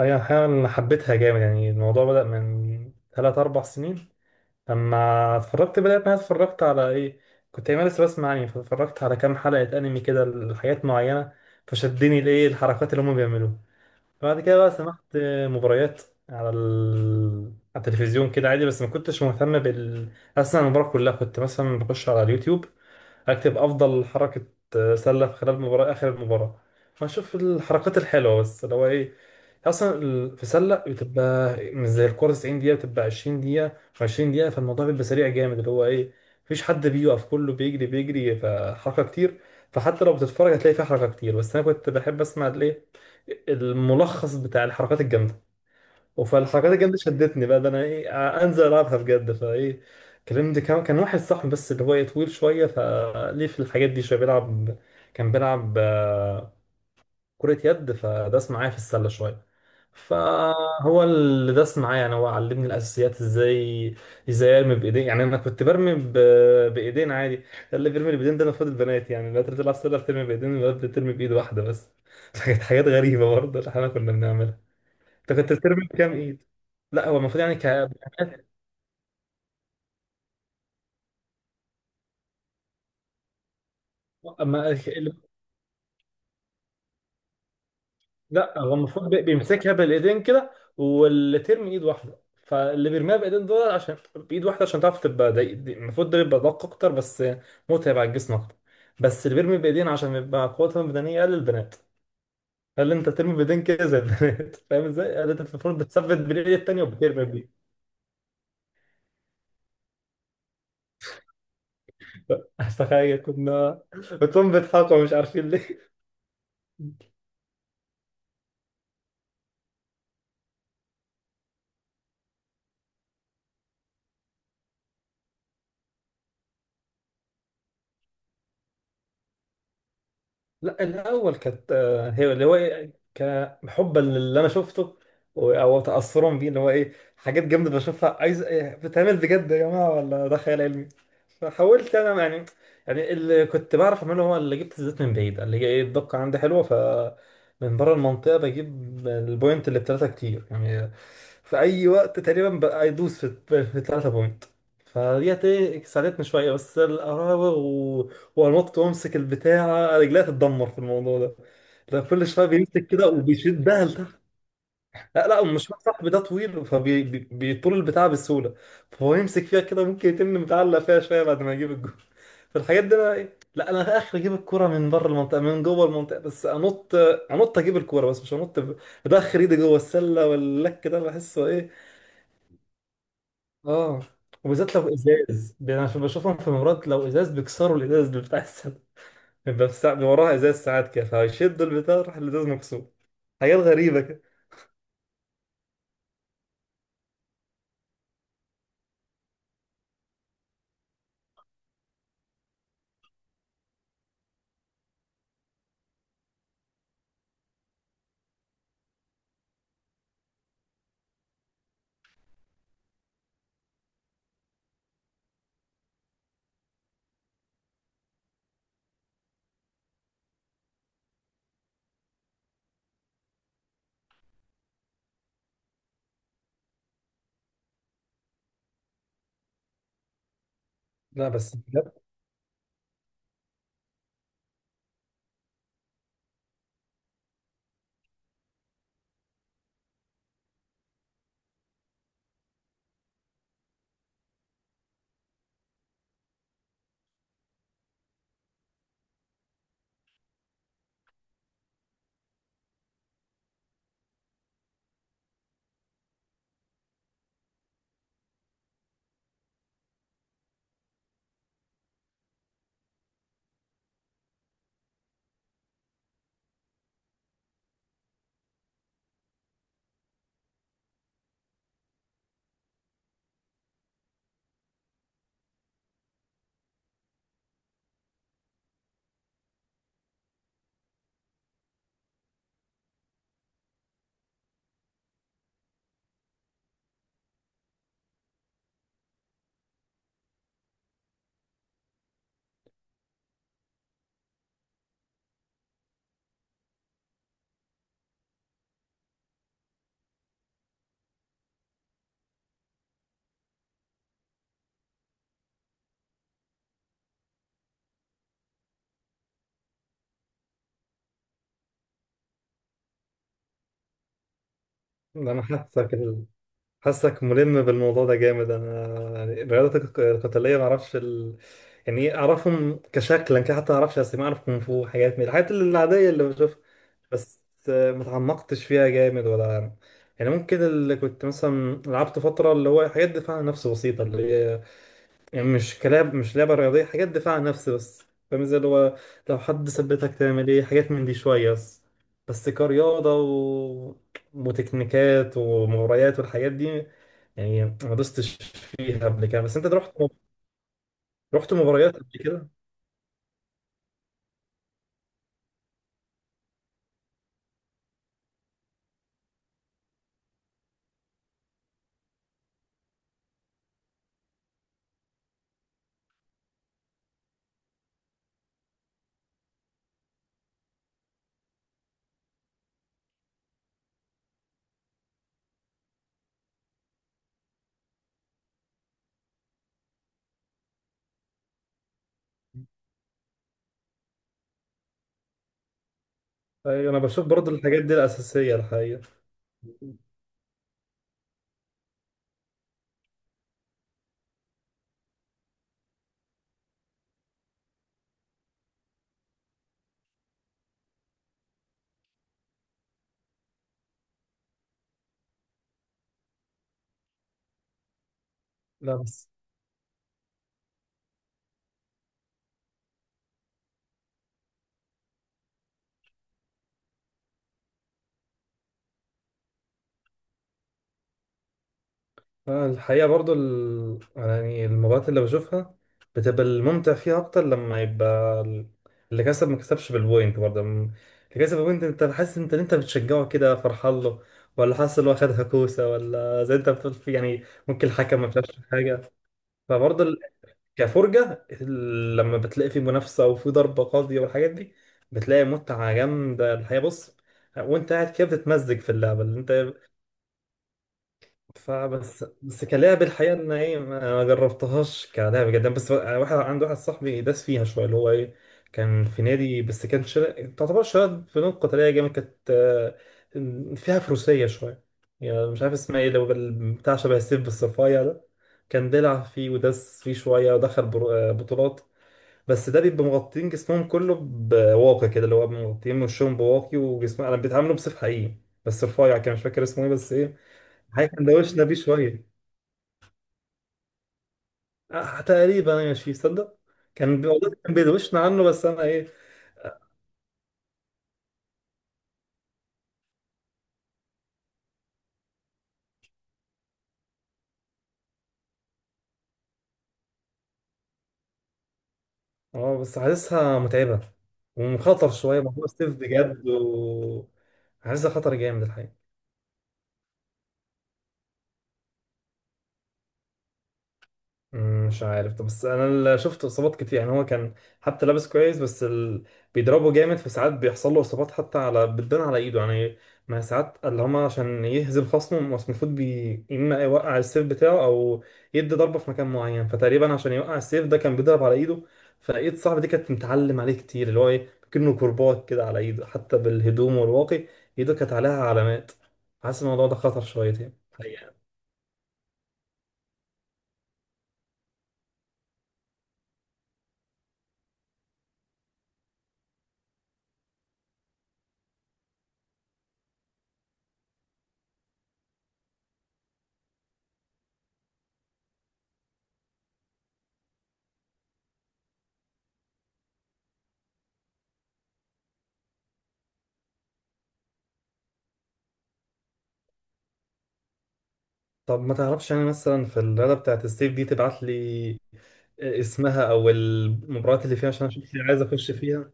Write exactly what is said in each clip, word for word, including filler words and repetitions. أي، أحيانا أنا حبيتها جامد. يعني الموضوع بدأ من ثلاث أربع سنين لما اتفرجت، بدأت ما اتفرجت على إيه. كنت أيام لسه بسمع أنمي، فاتفرجت على كام حلقة أنمي كده لحاجات معينة، فشدني الإيه الحركات اللي هما بيعملوها. بعد كده بقى سمعت مباريات على ال... على التلفزيون كده عادي، بس ما كنتش مهتم بال أصلا المباراة كلها. كنت مثلا بخش على اليوتيوب، هكتب افضل حركه آه، سله في خلال المباراه، اخر المباراه، فهشوف الحركات الحلوه. بس اللي هو ايه، اصلا ال- في سله بتبقى مش زي الكوره، تسعين دقيقه، بتبقى عشرين دقيقه و20 دقيقه، فالموضوع بيبقى سريع جامد. اللي هو ايه، مفيش حد بيقف، كله بيجري بيجري، فحركه كتير. فحتى لو بتتفرج هتلاقي فيها حركه كتير، بس انا كنت بحب اسمع الايه، الملخص بتاع الحركات الجامده. فالحركات الجد شدتني بقى، ده انا ايه، آه، انزل العبها بجد فايه. كلمت كان كان واحد صاحبي، بس اللي هو إيه طويل شويه، فليه في الحاجات دي شويه، بيلعب، كان بيلعب آه، كرة يد، فداس معايا في السله شويه. فهو اللي داس معايا، يعني هو علمني الاساسيات، ازاي ازاي ارمي بايدين. يعني انا كنت برمي ب- بايدين عادي. اللي بيرمي بايدين ده المفروض البنات، يعني البنات اللي بتلعب سله بترمي بايدين، الولاد بترمي بايد واحده بس فكانت حاجات غريبه برضه اللي احنا كنا بنعملها. انت كنت بترمي بكام ايد؟ لا، هو المفروض يعني ك اما. لا، هو المفروض بي- بيمسكها بالايدين كده، واللي ترمي ايد واحده، فاللي بيرميها بايدين دول عشان بايد واحده، عشان تعرف تبقى دي... دي... المفروض ده يبقى دقيق اكتر، بس متعب على الجسم اكتر. بس اللي بيرمي بايدين عشان بيبقى قوتهم البدنيه اقل، البنات. قال انت ترمي بايدين كده زي البنات فاهم ازاي؟ قال انت المفروض بتثبت بالايد التانيه وبترمي بيه. تخيل كنا كنتم بيضحكوا مش عارفين ليه. لا، الاول كانت آه، هي اللي هو إيه، كحبا للي انا شفته، و- او تاثرا بيه. اللي هو ايه، حاجات جامده بشوفها، عايز إيه، بتعمل بجد يا جماعه ولا ده خيال علمي؟ فحاولت انا يعني يعني اللي كنت بعرف اعمله هو اللي جبت الزيت من بعيد، اللي هي ايه، الدقه عندي حلوه، ف من بره المنطقه بجيب البوينت اللي بثلاثه كتير. يعني في اي وقت تقريبا بقى يدوس في في ثلاثه بوينت. فديت ايه ساعدتني شويه، بس القراوغ، هو النط وامسك البتاعة، رجليها تتدمر في الموضوع ده. لا، كل شوية بيمسك كده وبيشدها لتحت. لا، لا، مش صاحبي ده طويل، فبيطول البتاعة بسهولة، فهو يمسك فيها كده، ممكن يتم متعلق فيها شوية بعد ما يجيب الجول. فالحاجات دي انا ايه، لا، انا في اخر اجيب الكرة من بره المنطقة، من جوه المنطقة بس انط انط اجيب الكرة، بس مش انط ب- ادخل ايدي جوه السلة واللك، ده بحسه ايه. اه، وبالذات لو ازاز. يعني انا بشوفهم في مرات لو ازاز، بيكسروا الازاز بتاع السلة. بيبقى في ساعة وراها ازاز ساعات كده، فيشد البتاع راح الازاز مكسور. حاجات غريبة كده. لا بس بجد، انا حاسك ال- حاسك ملم بالموضوع ده جامد. انا يعني الرياضات الق- القتالية ما اعرفش ال... يعني إيه، اعرفهم كشكلا كده، حتى ما اعرفش اسامي. اعرف كونغ فو، حاجات من الحاجات العادية اللي بشوفها. بس آه، ما اتعمقتش فيها جامد ولا يعني. يعني ممكن اللي كنت مثلا لعبت فترة اللي هو حاجات دفاع عن النفس بسيطة، اللي هي يعني مش كلاب، مش لعبة رياضية، حاجات دفاع عن نفسي بس. فاهم ازاي، اللي هو لو حد ثبتك تعمل ايه، حاجات من دي شوية. بس بس كرياضة و... وتكنيكات ومباريات والحاجات دي، يعني ما دوستش فيها قبل كده. بس انت رحت رحت مباريات قبل كده. أيوة، انا بشوف برضه الحاجات دي الأساسية الحقيقة. لا بس آه، الحقيقة برضو ال... يعني المباريات اللي بشوفها بتبقى الممتع فيها أكتر لما يبقى ال- اللي كسب ما كسبش بالبوينت برضه. م- اللي كسب بالبوينت، أنت حاسس، أنت أنت بتشجعه كده فرحان له، ولا حاسس إن هو خدها كوسة، ولا زي أنت بتقول في يعني ممكن الحكم ما شافش حاجة؟ فبرضه ال- كفرجة ال- لما بتلاقي في منافسة وفي ضربة قاضية والحاجات دي، بتلاقي متعة جامدة الحقيقة. بص، وأنت قاعد كده بتتمزج في اللعبة اللي أنت. فبس بس كلعب الحقيقة، إن إيه، ما ما جربتهاش كلعب جدا. بس واحد، عند واحد صاحبي داس فيها شوية، اللي هو إيه، كان في نادي، بس كان شر... تعتبر شوية فنون قتالية جامد، كانت آه، فيها فروسية شوية. يعني مش عارف اسمها إيه، لو ال- بتاع شبه السيف الصفايع ده. كان بيلعب فيه وداس فيه شوية، ودخل بر- آه، بطولات. بس ده بيبقى مغطين جسمهم كله بواقي كده، اللي هو مغطين وشهم بواقي وجسمهم. أنا بيتعاملوا بسيف حقيقي بس رفيع، كان مش فاكر اسمه إيه، بس إيه، هي كان دوشنا بيه شويه. آه تقريبا، ماشي، صدق. كان بي- والله كان بيدوشنا عنه، بس انا ايه. اه بس حاسسها متعبة ومخاطر شوية، موضوع ستيف بجد و حاسسها خطر جامد الحقيقة. مم، مش عارف. طب بس انا اللي شفت اصابات كتير. يعني هو كان حتى لابس كويس، بس ال... بيضربه جامد، فساعات بيحصل له اصابات، حتى على بتبان على ايده يعني. ما ساعات اللي هما عشان يهزم خصمه، بس المفروض بي اما يوقع السيف بتاعه او يدي ضربه في مكان معين، فتقريبا عشان يوقع السيف ده كان بيضرب على ايده، فايد صاحبي دي كانت متعلم عليه كتير، اللي هو ايه كأنه كرباج كده على ايده، حتى بالهدوم والواقي ايده كانت عليها علامات. حاسس الموضوع ده خطر شويتين. طب ما تعرفش انا مثلا في الرياضه بتاعت الصيف دي، تبعت لي اسمها او المباريات اللي فيها عشان اشوف لي، عايز اخش فيها.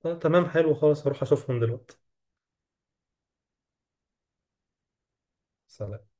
طب تمام، حلو خالص، هروح اشوفهم دلوقتي. سلام.